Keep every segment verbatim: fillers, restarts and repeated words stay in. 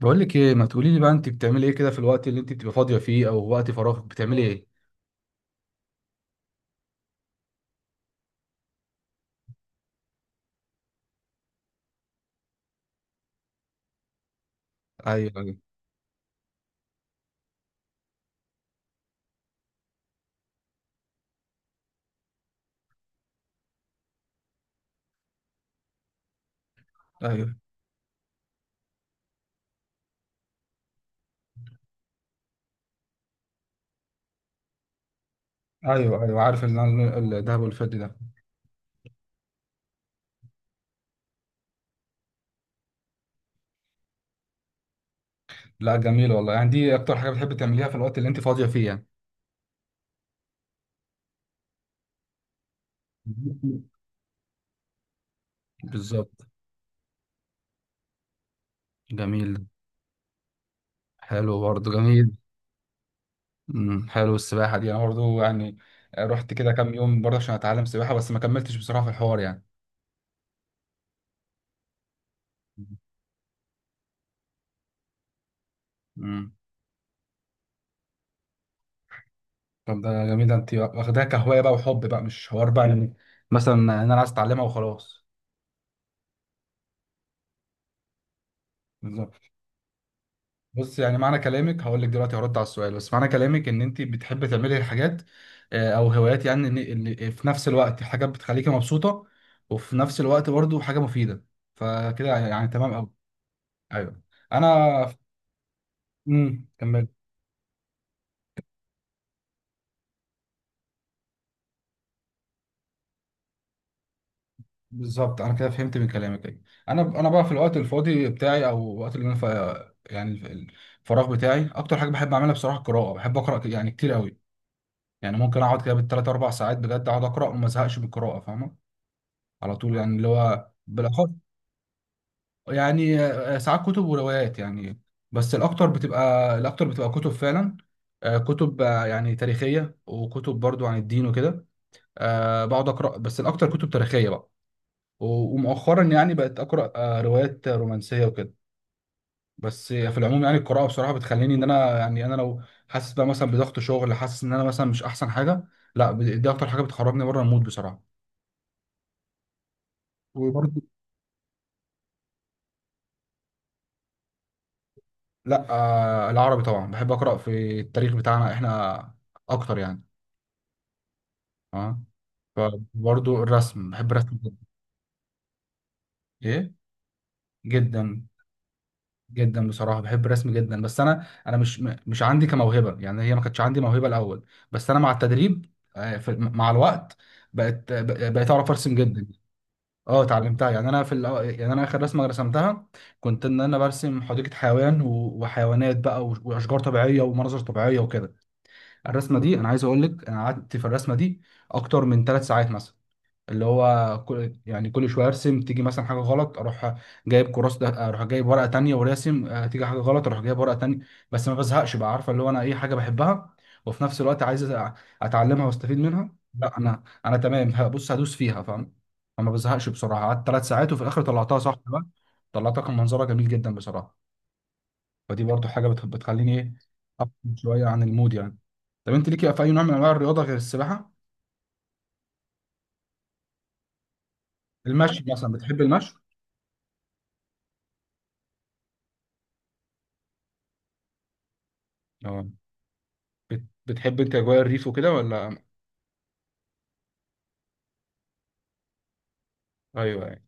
بقول لك ايه، ما تقولي لي بقى، انت بتعملي ايه كده في الوقت اللي انت بتبقى فاضيه فيه او وقت فراغك بتعملي ايه؟ ايوه، ايوه، ايوه، ايوه، ايوه. عارف ال- ال- الدهب والفضي ده. لا جميل والله. يعني دي اكتر حاجه بتحب تعمليها في الوقت اللي انت فاضيه فيه يعني؟ بالظبط. جميل ده. حلو برضه جميل. امم حلو. السباحه دي انا برضه يعني، رحت كده كام يوم برضه عشان اتعلم سباحه، بس ما كملتش بصراحه في الحوار يعني. امم طب ده جميل. ده انت واخداها كهوايه بقى وحب بقى، مش حوار بقى يعني، مثلا إن انا عايز اتعلمها وخلاص. بص، يعني معنى كلامك هقول لك دلوقتي هرد على السؤال. بس معنى كلامك ان انت بتحب تعملي حاجات، آه، او هوايات يعني، ان إن آه، في نفس الوقت حاجات بتخليكي مبسوطه، وفي نفس الوقت برضو حاجه مفيده. فكده يعني تمام قوي. ايوه. انا. امم كمل. بالظبط. انا كده فهمت من كلامك، ايوه. انا انا بقى في الوقت الفاضي بتاعي او الوقت اللي انا ف... يعني الف- الفراغ بتاعي، اكتر حاجه بحب اعملها بصراحه القراءه. بحب اقرا ك- يعني كتير قوي. يعني ممكن اقعد كده بالثلاث اربع ساعات، بجد اقعد اقرا وما ازهقش من القراءه، فاهمه؟ على طول يعني اللي هو بالاخص. يعني آه، آه، ساعات كتب وروايات يعني. بس الاكتر بتبقى الاكتر بتبقى كتب فعلا. آه، كتب، آه، يعني تاريخيه، وكتب برضو عن الدين وكده. آه، بقعد اقرا، بس الاكتر كتب تاريخيه بقى. و- ومؤخرا يعني بقت اقرا آه، روايات رومانسيه وكده. بس في العموم يعني القراءه بصراحه بتخليني ان انا يعني، انا لو حاسس بقى مثلا بضغط شغل، حاسس ان انا مثلا مش احسن حاجه. لا، ب- دي اكتر حاجه بتخرجني بره المود بصراحه. وبرضه. لا آه، العربي طبعا بحب اقرا في التاريخ بتاعنا احنا اكتر يعني. اه. فبرضو الرسم، بحب الرسم جدا. ايه. جدا. جدا بصراحه بحب الرسم جدا. بس انا انا مش م- مش عندي كموهبه يعني، هي ما كانتش عندي موهبه الاول. بس انا مع التدريب آه في، مع الوقت، بقت ب- بقيت اعرف ارسم جدا. اه، اتعلمتها يعني. انا في الأو... يعني انا اخر رسمه رسمتها، كنت ان انا برسم حديقه حيوان، و... وحيوانات بقى، و... واشجار طبيعيه ومناظر طبيعيه وكده. الرسمه دي، انا عايز اقول لك، انا قعدت في الرسمه دي اكتر من ثلاث ساعات مثلا. اللي هو كل يعني كل شويه ارسم، تيجي مثلا حاجه غلط اروح جايب كراس ده، اروح جايب ورقه تانية وراسم، آه، تيجي حاجه غلط اروح جايب ورقه تانية. بس ما بزهقش بقى. عارفه اللي هو انا ايه؟ حاجه بحبها وفي نفس الوقت عايز أ- اتعلمها واستفيد منها. لا، انا انا تمام. بص، هدوس فيها، فاهم. فما بزهقش بسرعه. قعدت ثلاث ساعات وفي الاخر طلعتها صح بقى. طلعتها، كان منظرها جميل جدا بصراحه. فدي برضو حاجه بتخ- بتخليني ايه، افصل شويه عن المود يعني. طب انت ليكي في اي نوع من انواع الرياضه غير السباحه؟ المشي مثلا بتحب المشي؟ اه. بت- بتحب انت اجواء الريف وكده ولا؟ ايوه يعني.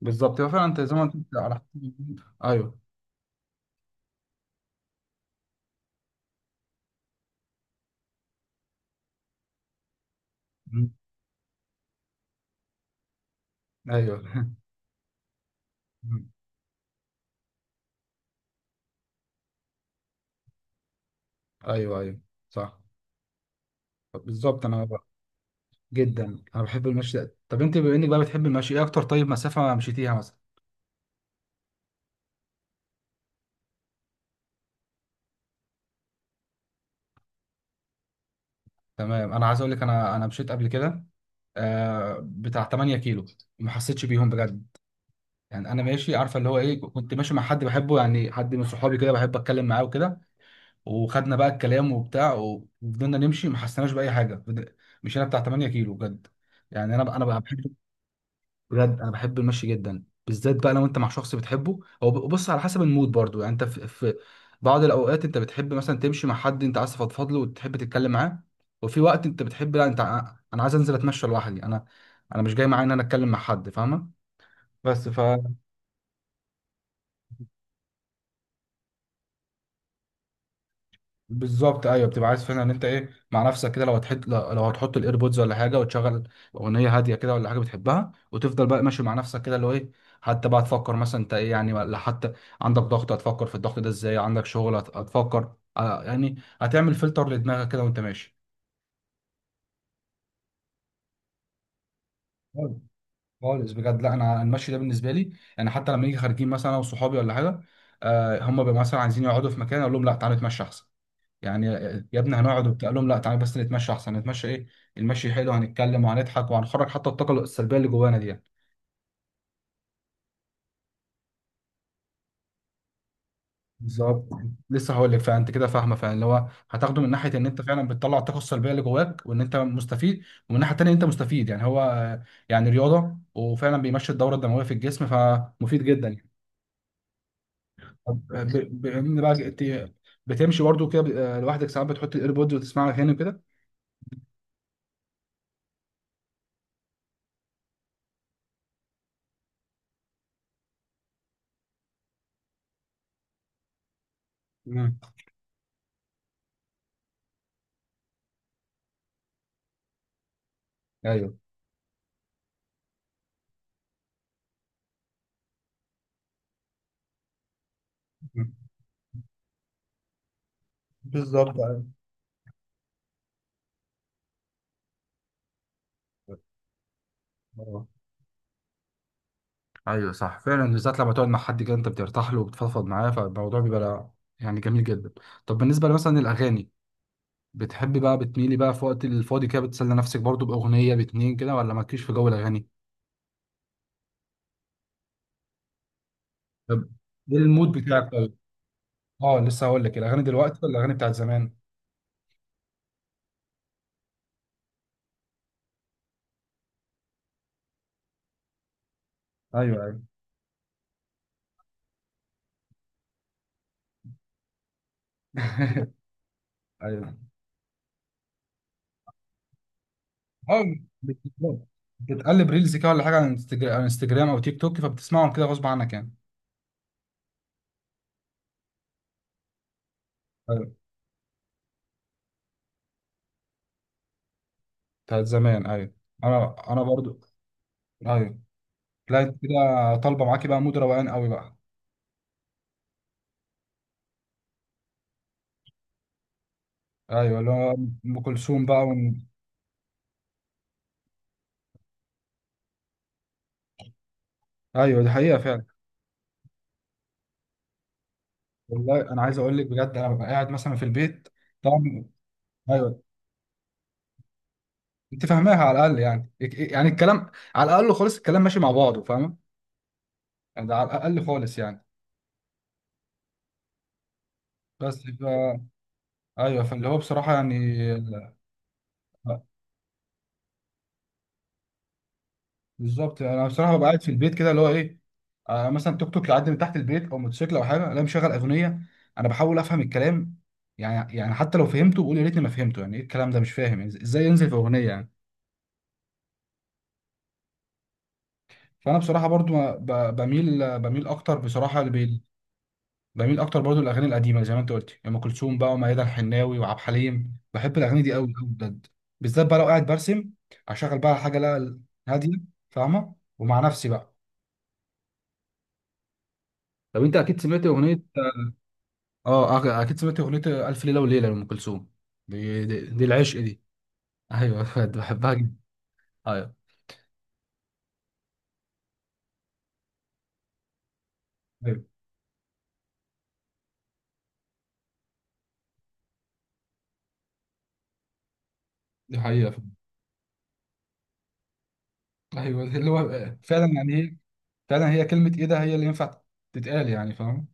بالظبط. هو فعلا انت زي ما انت، على حسب. ايوه. م. ايوه مم. ايوه، ايوه، أيوه. صح. بالظبط. انا ب- جدا، انا بحب المشي ده. طب انت بما انك بقى بتحب المشي، ايه اكتر طيب مسافه مشيتيها مثلا؟ تمام، انا عايز اقول لك، انا انا مشيت قبل كده آه بتاع 8 كيلو، ما حسيتش بيهم بجد. يعني انا ماشي، عارفه اللي هو ايه؟ كنت ماشي مع حد بحبه، يعني حد من صحابي كده بحب اتكلم معاه وكده، وخدنا بقى الكلام وبتاع وفضلنا نمشي ما حسيناش باي حاجه. مشينا بتاع 8 كيلو بجد. يعني انا انا بقى بحب، بجد انا بحب المشي جدا، بالذات بقى لو انت مع شخص بتحبه. هو ب- بص، على حسب المود برضو يعني، انت في, في بعض الاوقات انت بتحب مثلا تمشي مع حد انت عايز تفضفض له وتحب تتكلم معاه. وفي وقت انت بتحب لا، انت ع- انا عايز انزل اتمشى لوحدي. انا انا مش جاي معايا ان انا اتكلم مع حد، فاهمه؟ بس ف بالظبط، ايوه، بتبقى عايز فعلا ان انت ايه مع نفسك كده، لو هتحط لو هتحط الايربودز ولا حاجه، وتشغل اغنيه هاديه كده ولا حاجه بتحبها، وتفضل بقى ماشي مع نفسك كده اللي هو ايه. حتى بقى تفكر مثلا انت ايه يعني، ولا حتى عندك ضغط هتفكر في الضغط ده ازاي، عندك شغل هت- هتفكر، آه، يعني هتعمل فلتر لدماغك كده وانت ماشي. خالص. خالص بجد. لا انا المشي ده بالنسبه لي، يعني حتى لما نيجي خارجين مثلا انا وصحابي ولا حاجه، آه، هم بيبقوا مثلا عايزين يقعدوا في مكان، اقول لهم لا تعالوا نتمشى احسن. يعني يا ابني هنقعد وبتاع، قال لهم لا تعالى بس نتمشى احسن. نتمشى ايه، المشي حلو، هنتكلم وهنضحك وهنخرج حتى الطاقه السلبيه اللي جوانا دي يعني. بالظبط، لسه هقول لك. فانت كده فاهمه فاللي هو هتاخده من ناحيه ان انت فعلا بتطلع الطاقه السلبيه اللي جواك وان انت مستفيد. ومن الناحيه التانيه انت مستفيد يعني، هو آه، يعني رياضه وفعلا بيمشي الدوره الدمويه في الجسم، فمفيد جدا يعني. طب آه، ب- بما ان بقى ت- بتمشي برضه كده، آه، لوحدك ساعات بتحط الايربودز وتسمعها هنا كده؟ مم. ايوه، بالظبط. أيوة، ايوه، صح فعلا. بالذات لما تقعد مع حد كده انت بترتاح له وبتفضفض معاه، فالموضوع بيبقى لا- يعني جميل جدا. طب بالنسبه مثلا للاغاني، بتحبي بقى بتميلي بقى في وقت الفاضي كده بتسلي نفسك برضو باغنيه باتنين كده، ولا مالكيش في جو الاغاني؟ طب ايه المود بتاعك طيب؟ اه، لسه هقول لك، الاغاني دلوقتي ولا الاغاني بتاعت زمان؟ ايوه، ايوه ايوه. اه. بت- بتقلب ريلز كده ولا حاجه على انستجرام على انستجرام او تيك توك، فبتسمعهم كده غصب عنك يعني؟ ايوه، بتاعت زمان ايوه. انا انا برضو. ايوه، لا انت كده طالبه معاكي بقى مود روقان قوي بقى. ايوه اللي هو ام كلثوم بقى ون... ايوه، دي حقيقه فعلا. والله انا عايز اقول لك بجد، انا ببقى قاعد مثلا في البيت. طبعا. ايوه. انت فاهماها على الاقل يعني، يك- يعني الكلام على الاقل خالص، الكلام ماشي مع بعضه، فاهمه؟ يعني ده على الاقل خالص يعني. بس ف... ايوه، فاللي هو بصراحه يعني. بالظبط، انا بصراحه ببقى قاعد في البيت كده اللي هو ايه، آه مثلا توك توك يعدي من تحت البيت او موتوسيكل او حاجه، الاقي مشغل اغنيه، انا بحاول افهم الكلام. يعني يعني حتى لو فهمته بقول يا ريتني ما فهمته، يعني ايه الكلام ده؟ مش فاهم يعني ازاي ينزل في اغنيه يعني. فانا بصراحه برضو ما- ب- بميل بميل اكتر بصراحه، لبيل. بميل اكتر برضو الاغاني القديمه زي ما انت قلت، ام كلثوم بقى، وميادة الحناوي، وعبد الحليم. بحب الاغاني دي قوي قوي بجد. بالذات بقى لو قاعد برسم، اشغل بقى حاجه، لا، هاديه، فاهمه، ومع نفسي بقى. طب انت اكيد سمعت اغنيه، اه أك- اكيد سمعت اغنيه الف ليله وليله لام كلثوم. دي, دي, دي العشق دي. ايوه بجد بحبها جدا. ايوه، ايوه، دي حقيقه فعلا. ايوه، اللي هو فعلا يعني، هي فعلا هي كلمه ايه ده هي اللي ينفع تتقال يعني، فاهم.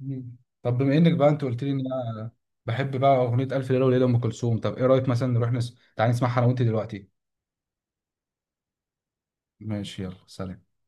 مم. طب بما انك بقى انت قلت لي ان انا بحب بقى اغنيه الف ليله وليله لام كلثوم، طب ايه رايك مثلا نروح نس... تعالى نسمعها انا وانت دلوقتي؟ ماشي، يلا، سلام.